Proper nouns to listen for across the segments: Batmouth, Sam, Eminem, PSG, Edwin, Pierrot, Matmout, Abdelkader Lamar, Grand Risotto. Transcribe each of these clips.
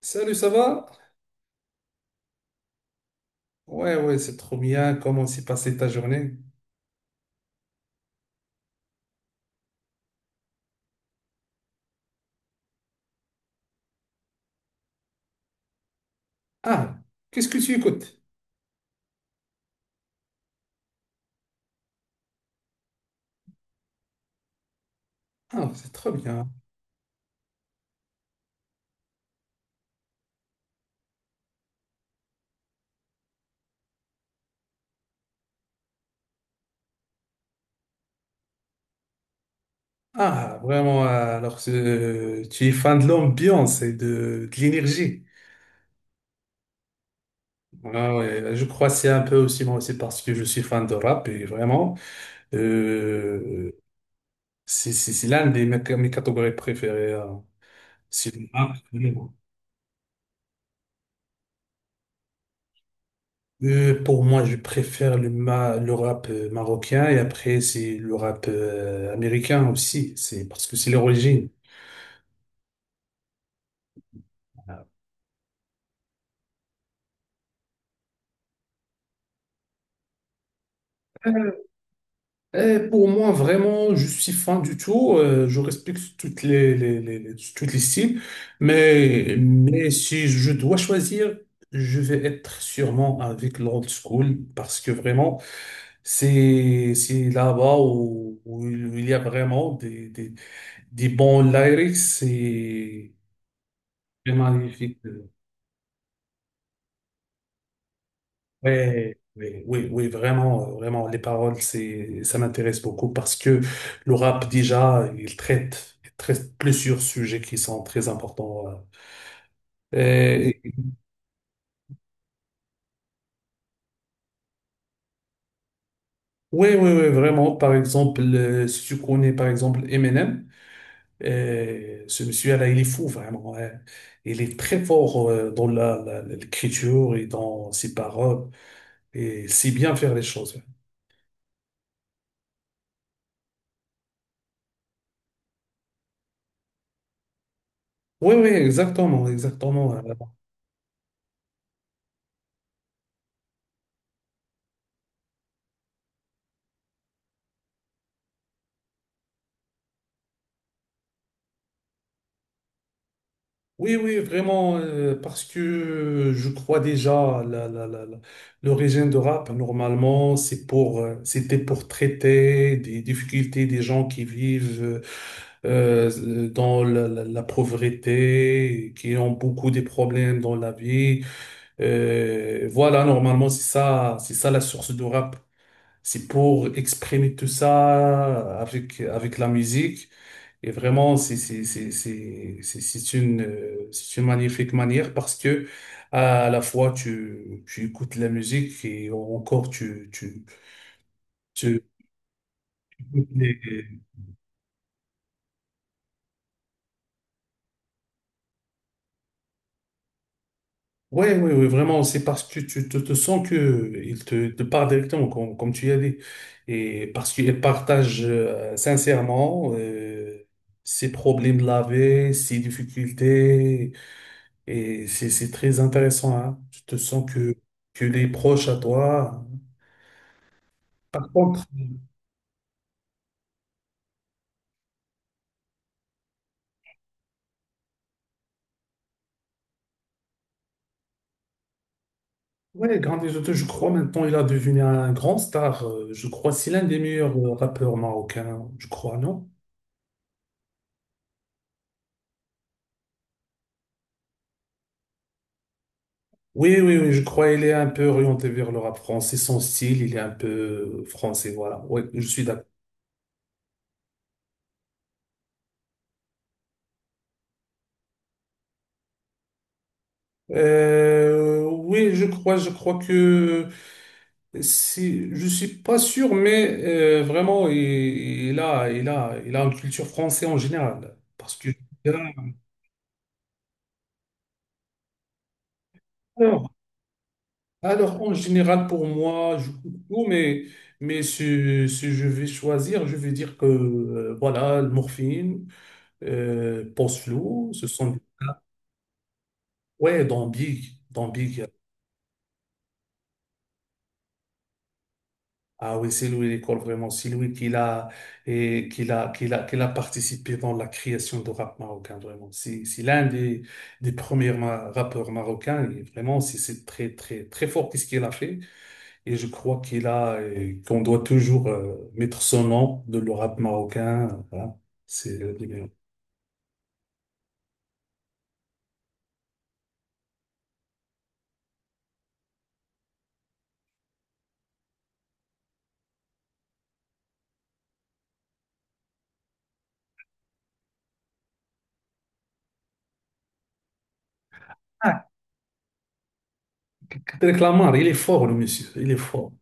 Salut, ça va? Ouais, ouais, c'est trop bien. Comment s'est passée ta journée? Ah, qu'est-ce que tu écoutes? Ah, c'est trop bien. Ah, vraiment, alors tu es fan de l'ambiance et de l'énergie. Ah ouais, je crois que c'est un peu aussi moi aussi parce que je suis fan de rap et vraiment, euh, c'est l'un des mes catégories préférées. Hein. C'est le rap. Pour moi, je préfère le rap marocain et après, c'est le rap américain aussi. C'est parce que c'est leur origine. Euh, pour moi, vraiment, je suis fan du tout. Je respecte toutes toutes les styles. Mais si je dois choisir, je vais être sûrement avec l'old school parce que vraiment, c'est là-bas où il y a vraiment des bons lyrics. C'est magnifique. Ouais, oui, oui, oui, vraiment, vraiment, les paroles, ça m'intéresse beaucoup parce que le rap, déjà, il traite plusieurs sujets qui sont très importants. Et- oui, oui, oui, vraiment. Par exemple, si tu connais, par exemple, Eminem, ce monsieur-là, il est fou, vraiment. Ouais. Il est très fort, dans l'écriture et dans ses paroles et il sait bien faire les choses. Hein. Oui, oui, exactement, exactement. Oui, oui, vraiment, parce que je crois déjà l'origine de rap, normalement, c'était pour traiter des difficultés des gens qui vivent dans la pauvreté, qui ont beaucoup de problèmes dans la vie. Voilà, normalement, c'est ça la source de rap. C'est pour exprimer tout ça avec la musique. Et vraiment, c'est une magnifique manière parce que à la fois tu écoutes la musique et encore tu écoutes les. Ouais, ouais, ouais, vraiment, c'est parce que tu te sens que il te parle directement, comme tu y as dit. Et parce qu'il partage sincèrement ses problèmes de la vie, ses difficultés. Et c'est très intéressant, hein. Tu te sens que les proches à toi. Par contre, ouais, Grand Risotto, je crois maintenant il a devenu un grand star. Je crois c'est l'un des meilleurs rappeurs marocains, je crois, non? Oui, oui, oui, je crois il est un peu orienté vers le rap français. Son style, il est un peu français, voilà. Oui, je suis d'accord. Oui, je crois que je suis pas sûr, mais vraiment, il a une culture française en général. Alors, alors, en général, pour moi, je coupe tout, mais si je vais choisir, je vais dire que voilà, le morphine, pense flou, ce sont. Ouais, dans Big, dans Big. Ah oui, c'est lui l'école vraiment. C'est lui qu'il a participé dans la création de rap marocain, vraiment. C'est l'un des premiers rappeurs marocains. Et vraiment, c'est très, très, très fort qu'est-ce qu'il a fait. Et je crois qu'on doit toujours mettre son nom de le rap marocain. Voilà. C'est le numéro. Abdelkader Lamar, il est fort, le monsieur. Il est fort.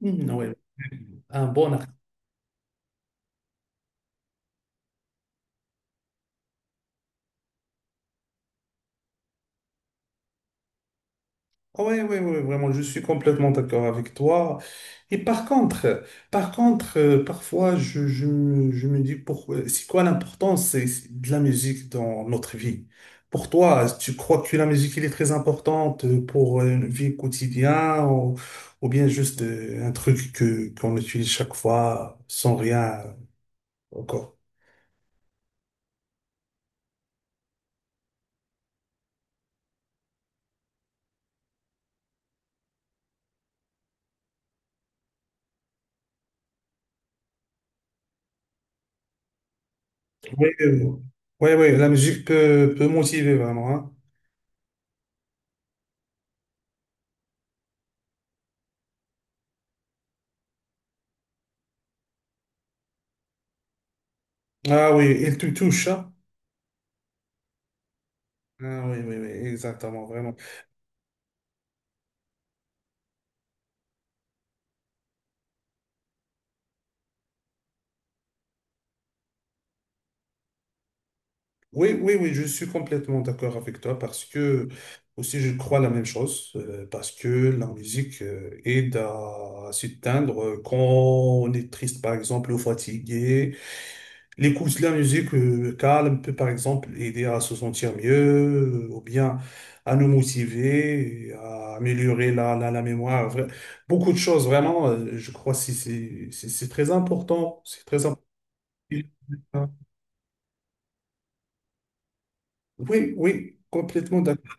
Mhm, ouais. Un bon. Oui, oui, oui, vraiment, je suis complètement d'accord avec toi. Et par contre, parfois, je me dis pourquoi, c'est quoi l'importance c'est de la musique dans notre vie? Pour toi, tu crois que la musique, elle est très importante pour une vie quotidienne ou bien juste un truc qu'on utilise chaque fois sans rien encore? Oui, oui, oui, oui, la musique peut motiver vraiment, hein. Ah oui, elle te touche, hein? Ah oui, oui, oui, exactement, vraiment. Oui, oui, oui, je suis complètement d'accord avec toi parce que aussi je crois la même chose, parce que la musique aide à s'éteindre quand on est triste par exemple ou fatigué. L'écoute de la musique calme peut par exemple aider à se sentir mieux ou bien à nous motiver, et à améliorer la mémoire. Beaucoup de choses vraiment, je crois que c'est très important, c'est très important. Oui, oui, complètement d'accord.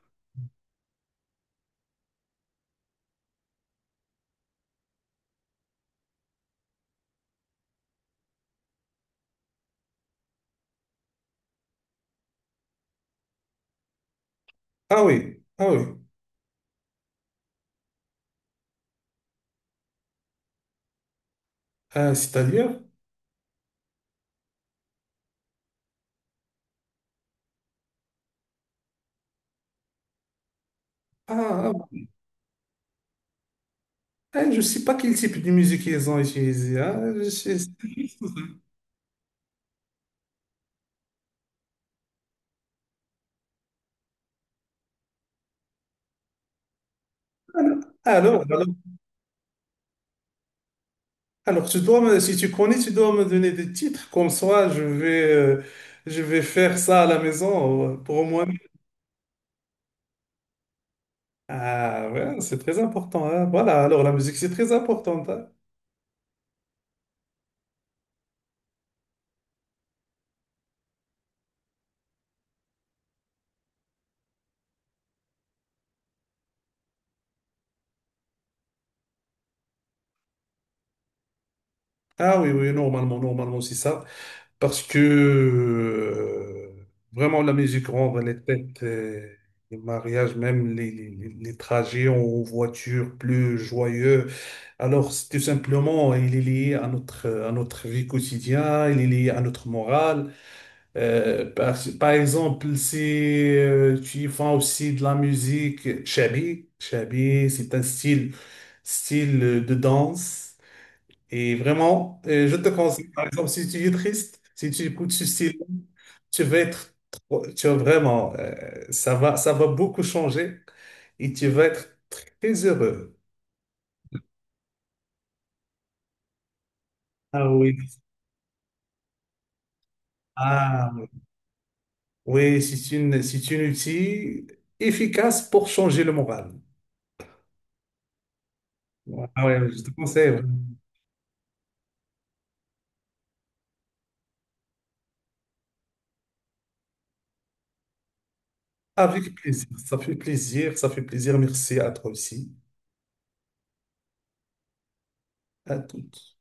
Ah oui, ah oui. C'est-à-dire? Ah, ah, ah, je ne sais pas quel type de musique ils ont utilisé. Ah. Alors, alors, alors, alors, si tu connais, tu dois me donner des titres. Comme ça, je vais faire ça à la maison pour moi. Ah ouais, c'est très important. Hein. Voilà, alors la musique, c'est très important. Hein. Ah oui, oui, normalement, c'est ça. Parce que vraiment, la musique rend les fêtes, les mariages, même les trajets en voiture plus joyeux. Alors, c'est tout simplement, il est lié à notre vie quotidienne, il est lié à notre morale. Par exemple, si tu y fais aussi de la musique, shabi, shabi, c'est un style de danse. Et vraiment, je te conseille, par exemple, si tu es triste, si tu écoutes ce style, tu vas être, tu vas vraiment, ça va beaucoup changer et tu vas être très heureux. Ah oui. Ah oui. Oui, c'est une outil efficace pour changer le moral. Ah ouais, je te conseille, vraiment. Avec plaisir. Ça fait plaisir. Ça fait plaisir. Merci à toi aussi. À toutes.